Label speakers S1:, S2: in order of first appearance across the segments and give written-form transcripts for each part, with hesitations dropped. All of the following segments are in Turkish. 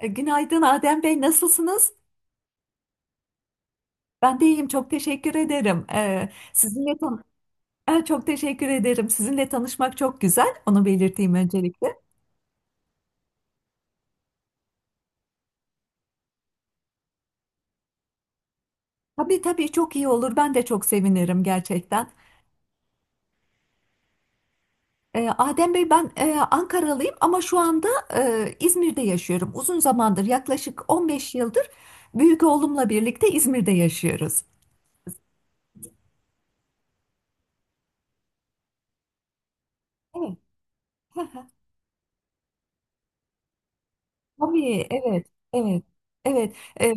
S1: Günaydın Adem Bey, nasılsınız? Ben de iyiyim, çok teşekkür ederim. E, sizinle tan Çok teşekkür ederim. Sizinle tanışmak çok güzel, onu belirteyim öncelikle. Tabii tabii, çok iyi olur, ben de çok sevinirim gerçekten. Adem Bey, ben Ankaralıyım ama şu anda İzmir'de yaşıyorum. Uzun zamandır, yaklaşık 15 yıldır büyük oğlumla birlikte İzmir'de yaşıyoruz. Evet, tabii, evet, evet, evet. E,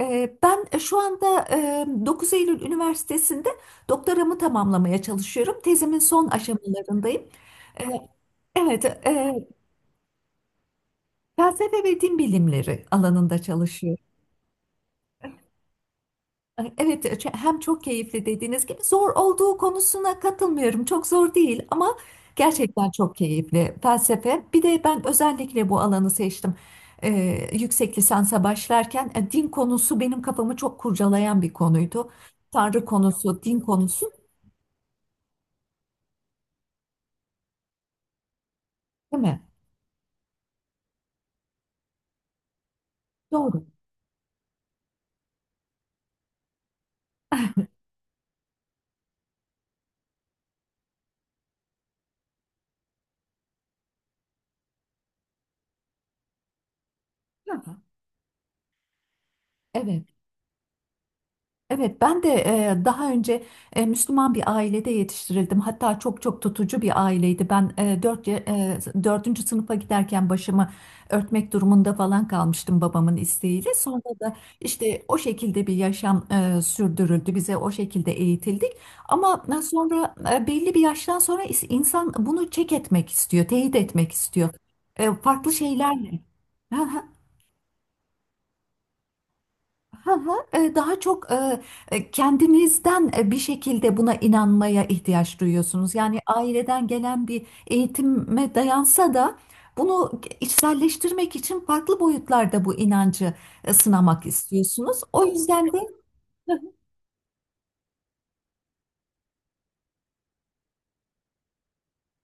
S1: Ee, Ben şu anda 9 Eylül Üniversitesi'nde doktoramı tamamlamaya çalışıyorum. Tezimin son aşamalarındayım. Ee, Evet, felsefe ve din bilimleri alanında çalışıyorum. Evet, hem çok keyifli dediğiniz gibi, zor olduğu konusuna katılmıyorum. Çok zor değil ama gerçekten çok keyifli felsefe. Bir de ben özellikle bu alanı seçtim. Yüksek lisansa başlarken din konusu benim kafamı çok kurcalayan bir konuydu. Tanrı konusu, din konusu. Değil mi? Doğru. Hı. Evet. Evet, ben de daha önce Müslüman bir ailede yetiştirildim. Hatta çok çok tutucu bir aileydi. Ben dördüncü sınıfa giderken başımı örtmek durumunda falan kalmıştım babamın isteğiyle. Sonra da işte o şekilde bir yaşam sürdürüldü. Bize o şekilde eğitildik. Ama sonra belli bir yaştan sonra insan bunu çek etmek istiyor, teyit etmek istiyor. Farklı şeylerle. Hı hı, daha çok, kendinizden bir şekilde buna inanmaya ihtiyaç duyuyorsunuz. Yani aileden gelen bir eğitime dayansa da bunu içselleştirmek için farklı boyutlarda bu inancı sınamak istiyorsunuz. O yüzden de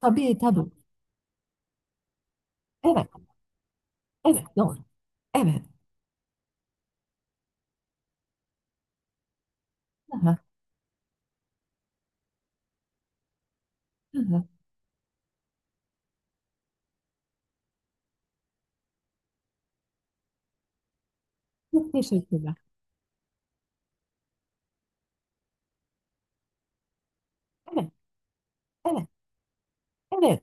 S1: tabii tabii. Evet, evet, doğru. Evet. Hı hı, hı hı. Çok teşekkürler. Evet, evet, evet.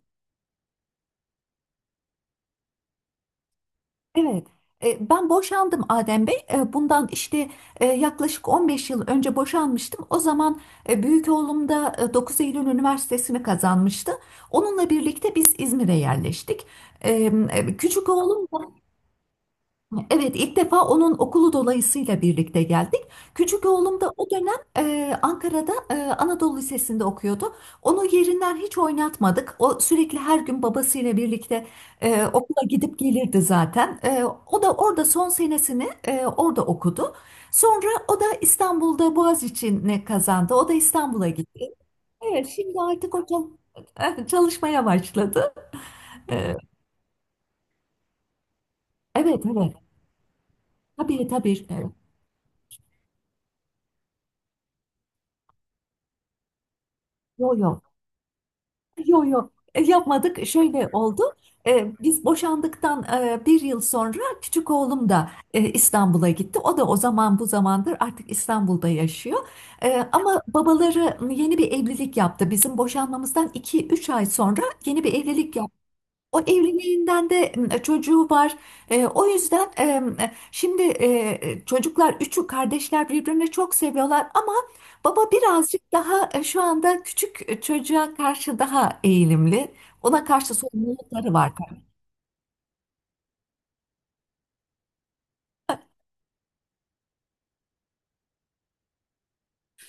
S1: Evet, ben boşandım Adem Bey. Bundan işte yaklaşık 15 yıl önce boşanmıştım. O zaman büyük oğlum da 9 Eylül Üniversitesi'ni kazanmıştı. Onunla birlikte biz İzmir'e yerleştik. E, Küçük oğlum. Evet, ilk defa onun okulu dolayısıyla birlikte geldik. Küçük oğlum da o dönem Ankara'da Anadolu Lisesi'nde okuyordu. Onu yerinden hiç oynatmadık. O sürekli her gün babasıyla birlikte okula gidip gelirdi zaten. O da orada son senesini orada okudu. Sonra o da İstanbul'da Boğaziçi'ni kazandı. O da İstanbul'a gitti. Evet, şimdi artık o çalışmaya başladı. E, evet, evet. Tabii, tabii. Yo yo. Yok yok. Yapmadık, şöyle oldu. Biz boşandıktan bir yıl sonra küçük oğlum da İstanbul'a gitti. O da o zaman bu zamandır artık İstanbul'da yaşıyor. Ama babaları yeni bir evlilik yaptı. Bizim boşanmamızdan iki üç ay sonra yeni bir evlilik, o evliliğinden de çocuğu var. O yüzden şimdi, çocuklar üçü kardeşler birbirini çok seviyorlar ama baba birazcık daha şu anda küçük çocuğa karşı daha eğilimli. Ona karşı sorumlulukları var.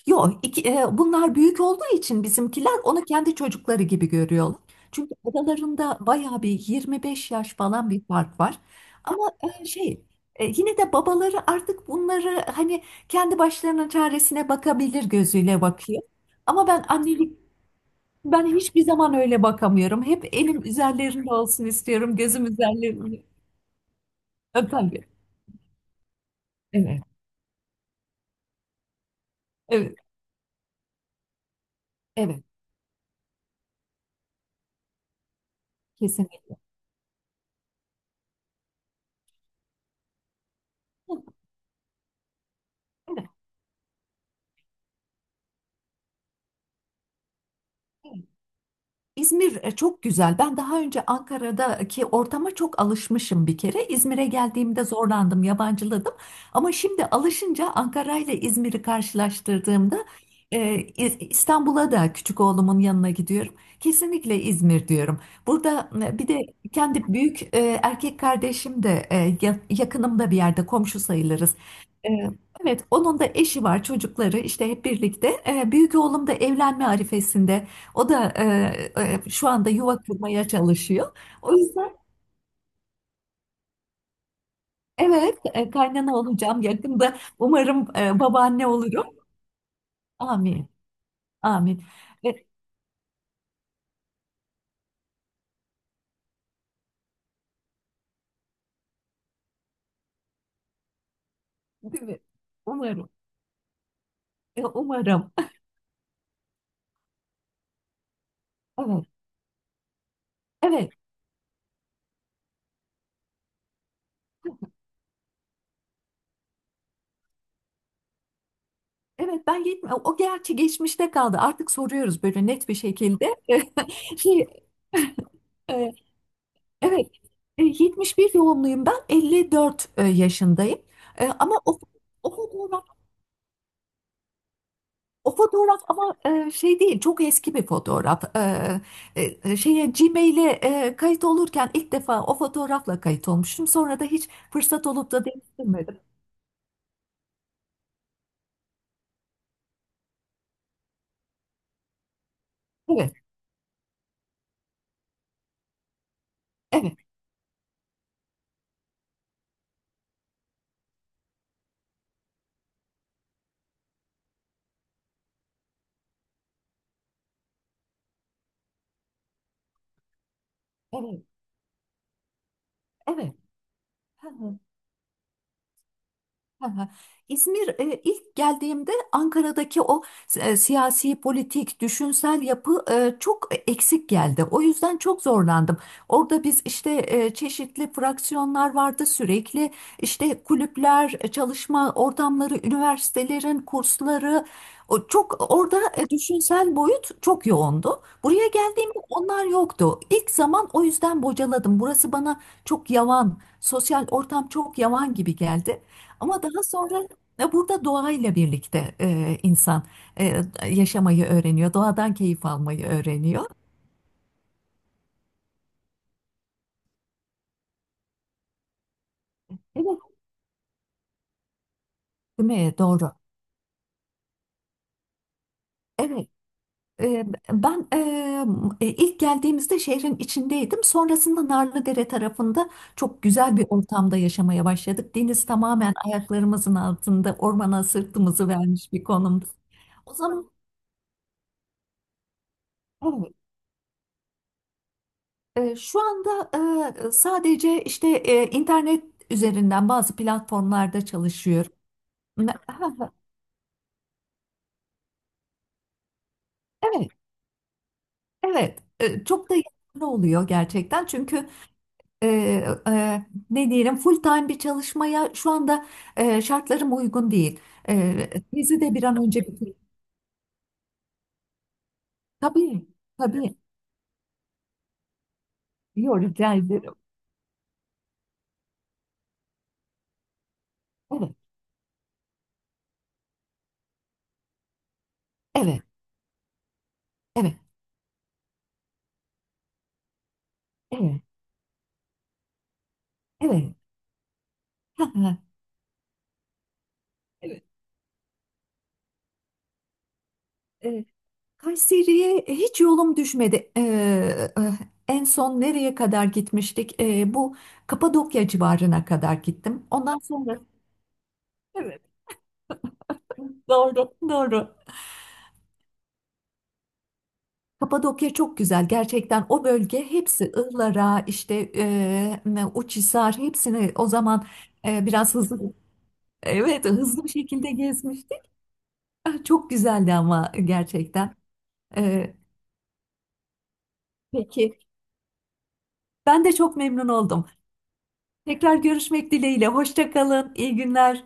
S1: Yok, bunlar büyük olduğu için bizimkiler onu kendi çocukları gibi görüyorlar. Çünkü aralarında bayağı bir 25 yaş falan bir fark var. Ama şey, yine de babaları artık bunları hani kendi başlarının çaresine bakabilir gözüyle bakıyor. Ama ben hiçbir zaman öyle bakamıyorum. Hep elim üzerlerinde olsun istiyorum. Gözüm üzerlerinde. Tabii. Evet. Evet. Evet. Kesinlikle. Evet. Evet. İzmir çok güzel. Ben daha önce Ankara'daki ortama çok alışmışım bir kere. İzmir'e geldiğimde zorlandım, yabancıladım. Ama şimdi alışınca Ankara ile İzmir'i karşılaştırdığımda, İstanbul'a da küçük oğlumun yanına gidiyorum. Kesinlikle İzmir diyorum. Burada bir de kendi büyük erkek kardeşim de, yakınımda bir yerde komşu sayılırız. E, Evet, onun da eşi var, çocukları, işte hep birlikte. Büyük oğlum da evlenme arifesinde. O da şu anda yuva kurmaya çalışıyor. O yüzden evet, kaynana olacağım yakında. Umarım babaanne olurum. Amin. Amin. E, Değil mi? Umarım. Umarım. Evet. Evet. Evet, ben gitme. O gerçi geçmişte kaldı. Artık soruyoruz böyle net bir şekilde. Şey, e, evet. 71 doğumluyum ben. 54 yaşındayım. Ama o O fotoğraf ama, şey değil, çok eski bir fotoğraf. Şeye, Gmail'e kayıt olurken ilk defa o fotoğrafla kayıt olmuştum. Sonra da hiç fırsat olup da değiştirmedim. Evet, evet, evet, evet. Aha. İzmir ilk geldiğimde Ankara'daki o siyasi, politik, düşünsel yapı çok eksik geldi. O yüzden çok zorlandım. Orada biz işte çeşitli fraksiyonlar vardı sürekli. İşte kulüpler, çalışma ortamları, üniversitelerin kursları. O çok orada, düşünsel boyut çok yoğundu. Buraya geldiğimde onlar yoktu. İlk zaman o yüzden bocaladım. Burası bana çok yavan, sosyal ortam çok yavan gibi geldi. Ama daha sonra burada doğayla birlikte insan e, yaşamayı öğreniyor, doğadan keyif almayı öğreniyor. Evet, değil mi? Doğru. Evet. E, Ben ilk geldiğimizde şehrin içindeydim. Sonrasında Narlıdere tarafında çok güzel bir ortamda yaşamaya başladık. Deniz tamamen ayaklarımızın altında, ormana sırtımızı vermiş bir konumda. O zaman evet. Şu anda sadece işte internet üzerinden bazı platformlarda çalışıyorum. Ha, ha. Evet, evet. Çok da yararlı oluyor gerçekten. Çünkü e, ne diyelim, full time bir çalışmaya şu anda şartlarım uygun değil. Bizi de bir an önce bitir. Tabii, tabii. Yok, rica ederim. Evet, evet, evet, evet, evet. Ha, ha. Evet. Kayseri'ye hiç yolum düşmedi. En son nereye kadar gitmiştik? Bu Kapadokya civarına kadar gittim. Ondan sonra evet, doğru, doğru. Kapadokya çok güzel gerçekten. O bölge hepsi, Ihlara işte, Uçhisar, hepsini o zaman biraz hızlı, evet, hızlı bir şekilde gezmiştik. Ah, çok güzeldi ama gerçekten. Ee, peki, ben de çok memnun oldum. Tekrar görüşmek dileğiyle. Hoşça kalın. İyi günler.